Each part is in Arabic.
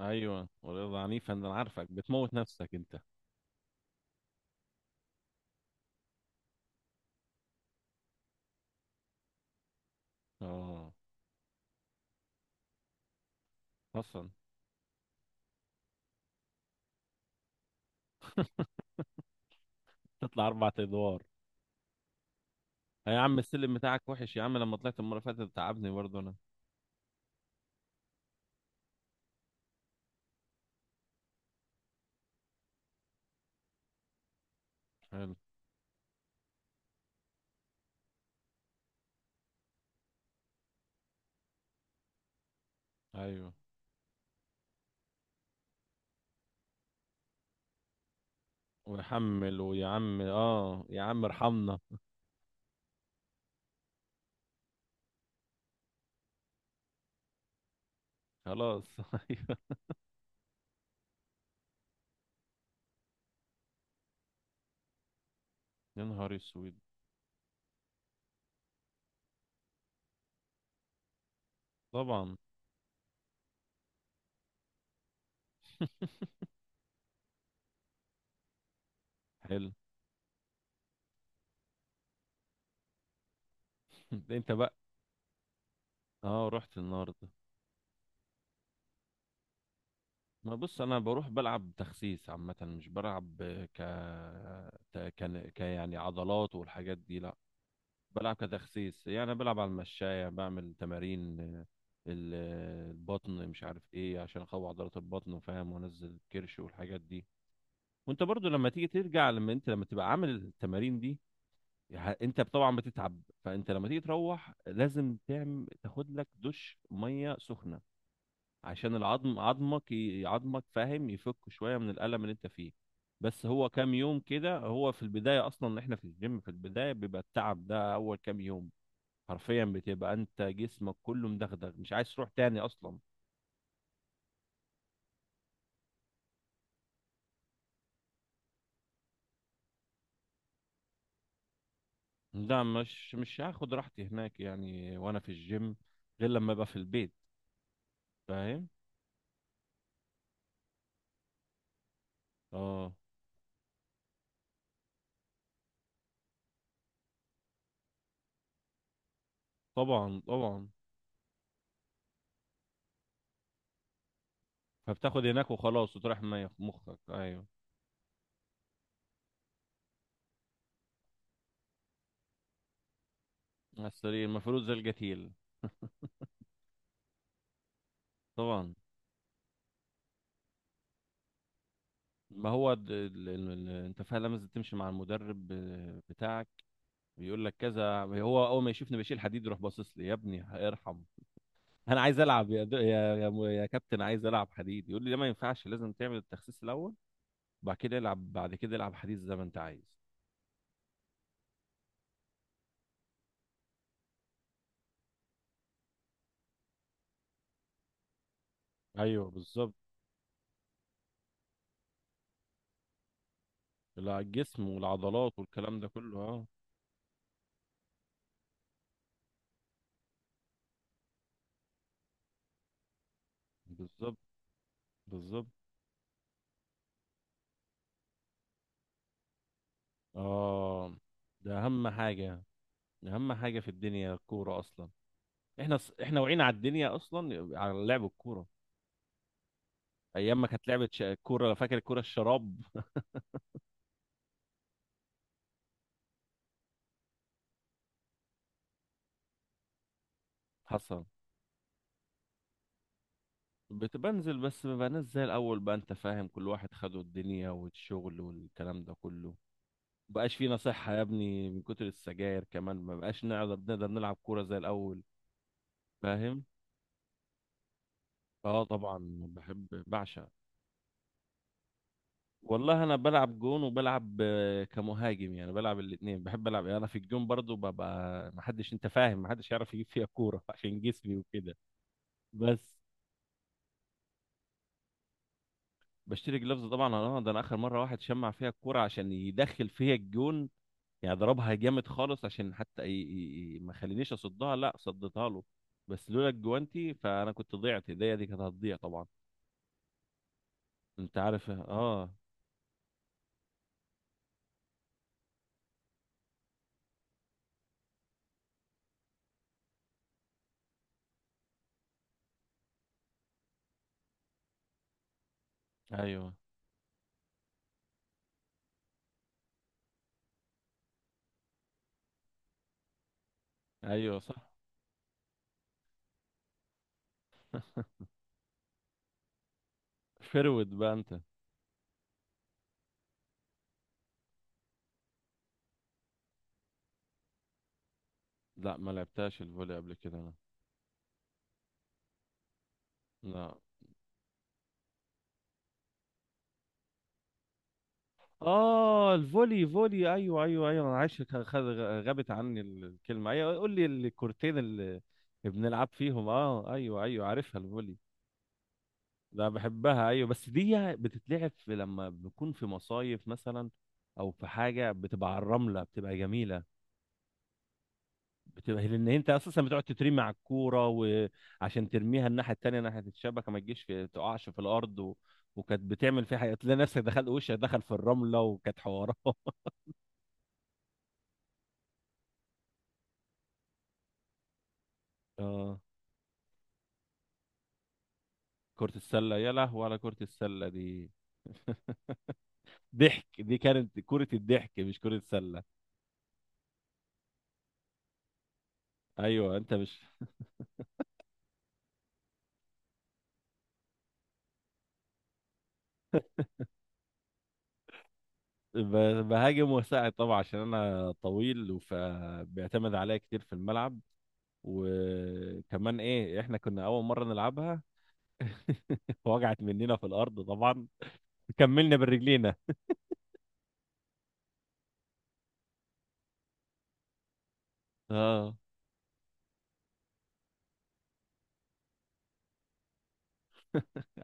ايوه، ورياضة عنيفة. انا عارفك بتموت نفسك انت. اه. اصلا تطلع اربع ادوار؟ يا عم، السلم بتاعك وحش يا عم. لما طلعت المرة اللي فاتت تعبني برضه انا. حلو. ايوه، ويحمل، ويا عم اه يا عم ارحمنا. خلاص. ايوه. يا نهار اسود. طبعا. حلو. انت بقى. اه، رحت النهارده. ما بص، انا بروح بلعب تخسيس عامه، مش بلعب. ك كان يعني عضلات والحاجات دي. لا، بلعب كتخسيس. يعني أنا بلعب على المشاية، بعمل تمارين البطن، مش عارف ايه، عشان اقوي عضلات البطن وفاهم، وانزل الكرش والحاجات دي. وانت برضو لما تيجي ترجع لما انت لما تبقى عامل التمارين دي، انت طبعا بتتعب. فانت لما تيجي تروح، لازم تاخد لك دش ميه سخنه، عشان عظمك فاهم، يفك شويه من الالم اللي انت فيه. بس هو كام يوم كده. هو في البدايه اصلا احنا في الجيم، في البدايه بيبقى التعب ده اول كام يوم. حرفيا بتبقى انت جسمك كله مدغدغ، مش عايز تروح تاني اصلا. لا، مش هاخد راحتي هناك، يعني وانا في الجيم، غير لما ابقى في البيت. فاهم. اه طبعا طبعا. فبتاخد هناك وخلاص وتروح مخك. ايوه، على السرير المفروض زي القتيل. طبعا. ما هو انت فعلا لازم تمشي مع المدرب بتاعك. بيقول لك كذا. هو اول ما يشوفني بشيل حديد، يروح باصص لي: يا ابني ارحم. انا عايز العب يا دو... يا يا, م- يا كابتن، عايز العب حديد. يقول لي: ده ما ينفعش، لازم تعمل التخسيس الاول، وبعد كده العب، بعد كده العب حديد زي ما انت عايز. ايوه بالظبط. لا، الجسم والعضلات والكلام ده كله. اه بالظبط. بالظبط. اه، ده اهم حاجه. اهم حاجه في الدنيا الكوره اصلا. احنا وعينا على الدنيا اصلا على لعب الكوره. ايام ما كانت لعبه كوره. فاكر الكوره الشراب؟ حصل. بتبنزل، بس ما بقناش زي الاول بقى، انت فاهم، كل واحد خده الدنيا والشغل والكلام ده كله. مبقاش فينا صحة يا ابني، من كتر السجاير كمان ما بقاش نقدر نلعب كورة زي الاول. فاهم. اه طبعا. بحب، بعشق. والله انا بلعب جون وبلعب كمهاجم. يعني بلعب الاثنين. بحب العب يعني انا في الجون برضو، ببقى ما حدش، انت فاهم، ما حدش يعرف يجيب فيها كورة عشان جسمي وكده. بس بشتري جلافز طبعا. اه، ده انا اخر مرة واحد شمع فيها الكورة عشان يدخل فيها الجون. يعني ضربها جامد خالص، عشان حتى ما خلينيش اصدها. لا، صدتها له. بس لولا الجوانتي، فانا كنت ضيعت ايديا، دي كانت هتضيع طبعا. انت عارف، اه. ايوه، ايوه، صح. فرود بقى انت. لا ما لعبتهاش الفولي قبل كده انا. لا. اه، الفولي! فولي! ايوه ايوه ايوه. انا عايش غابت عني الكلمه. ايوه، قول لي، الكورتين اللي بنلعب فيهم. اه ايوه ايوه، عارفها، الفولي. لا بحبها ايوه، بس دي بتتلعب لما بنكون في مصايف مثلا، او في حاجه بتبقى على الرمله، بتبقى جميله. بتبقى، لان انت اساسا بتقعد تترمي على الكوره، وعشان ترميها الناحيه التانيه ناحيه الشبكه، ما تجيش تقعش في الارض و... وكانت بتعمل فيها حاجه، تلاقي نفسك دخلت، وشك دخل في الرمله، وكانت حوارات. اه، كرة السلة! يا لهوي على كرة السلة دي! ضحك! دي كانت كرة الضحك مش كرة سلة. ايوه، انت مش... بهاجم واساعد طبعا، عشان انا طويل، فبيعتمد عليا كتير في الملعب. وكمان ايه، احنا كنا اول مره نلعبها. وجعت مننا في الارض طبعا. كملنا برجلينا. اه،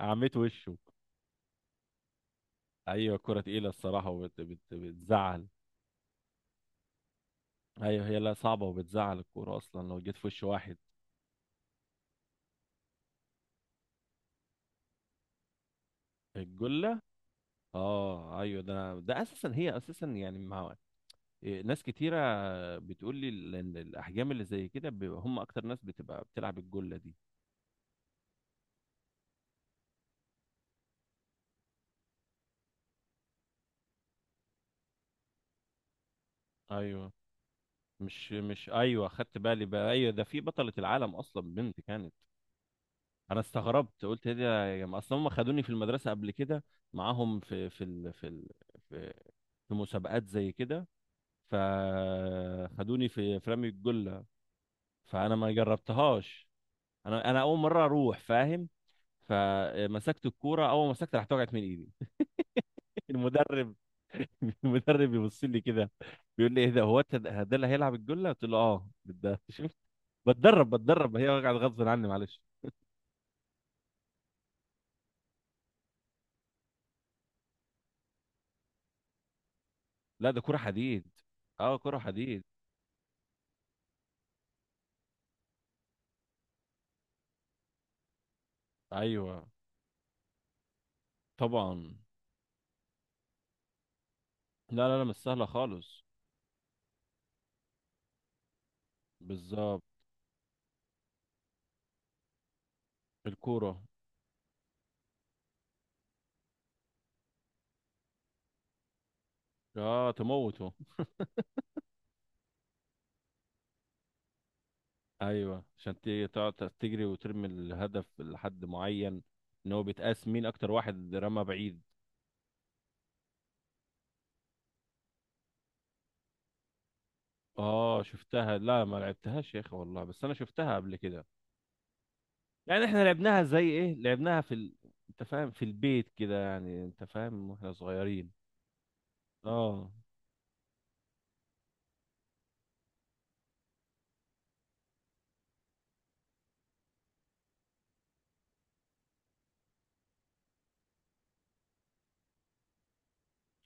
عميت وشه. ايوه كرة تقيله الصراحه، وبت... بت... بتزعل ايوه هي، لا صعبه، وبتزعل الكوره اصلا لو جيت في وش واحد. الجله. اه ايوه، ده اساسا، هي اساسا يعني مع ناس كتيرة بتقول لي إن الأحجام اللي زي كده بيبقى هم أكتر ناس بتبقى بتلعب الجلة دي. ايوه، مش مش، ايوه خدت بالي بقى. ايوه، ده في بطلة العالم اصلا، بنت كانت. انا استغربت، قلت ايه ده يا جماعه، اصلا هم خدوني في المدرسه قبل كده معاهم في ال في, في مسابقات زي كده. فخدوني في رمي الجله. فانا ما جربتهاش. انا اول مره اروح، فاهم. فمسكت الكوره، اول ما مسكت راحت وقعت من ايدي. المدرب. المدرب يبص لي كده، بيقول لي ايه ده، هو انت ده اللي هيلعب الجله؟ قلت له اه، ده بتدرب بتدرب هي، قاعد غصب عني معلش. لا، ده كرة حديد. اه كرة حديد. ايوه طبعا. لا لا لا، مش سهلة خالص. بالظبط، الكورة. اه تموته. ايوه، عشان تيجي تقعد تجري وترمي الهدف لحد معين، ان هو بيتقاس مين اكتر واحد رمى بعيد. اه شفتها، لا ما لعبتهاش يا اخي، والله بس انا شفتها قبل كده. يعني احنا لعبناها زي ايه، لعبناها في انت فاهم، في البيت كده، يعني انت فاهم واحنا صغيرين. اه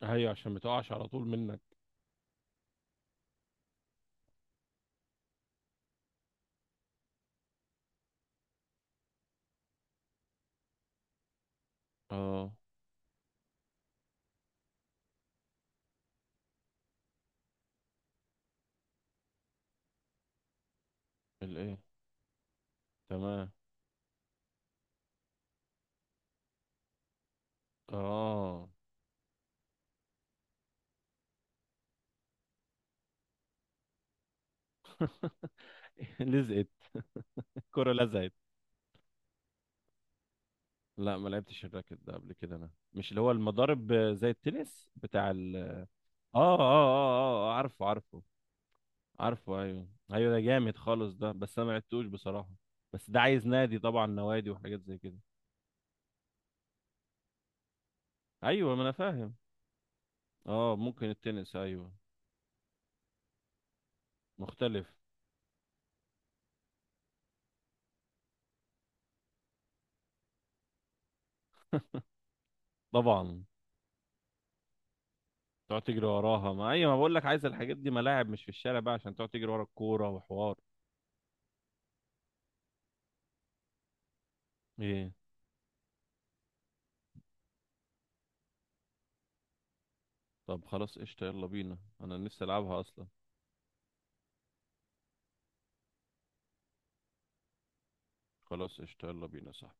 ايوه، عشان ما تقعش على طول منك. اه، الايه، تمام. اه لزقت. الكرة لزقت. لا ما لعبتش الراكت ده قبل كده انا، مش اللي هو المضارب زي التنس بتاع ال اه اه اه اه. عارفه عارفه. عارفه، ايوه ايوه، ده جامد خالص ده، بس انا ما لعبتوش بصراحة. بس ده عايز نادي طبعا، نوادي وحاجات زي كده. ايوه ما انا فاهم. اه ممكن، التنس ايوه. مختلف. طبعا. تقعد تجري وراها، ما ايوه ما بقول لك، عايز الحاجات دي ملاعب، مش في الشارع بقى، عشان تقعد تجري ورا الكورة وحوار. ايه؟ طب خلاص قشطة، يلا بينا، انا نفسي العبها اصلا. خلاص قشطة، يلا بينا يا صاحبي.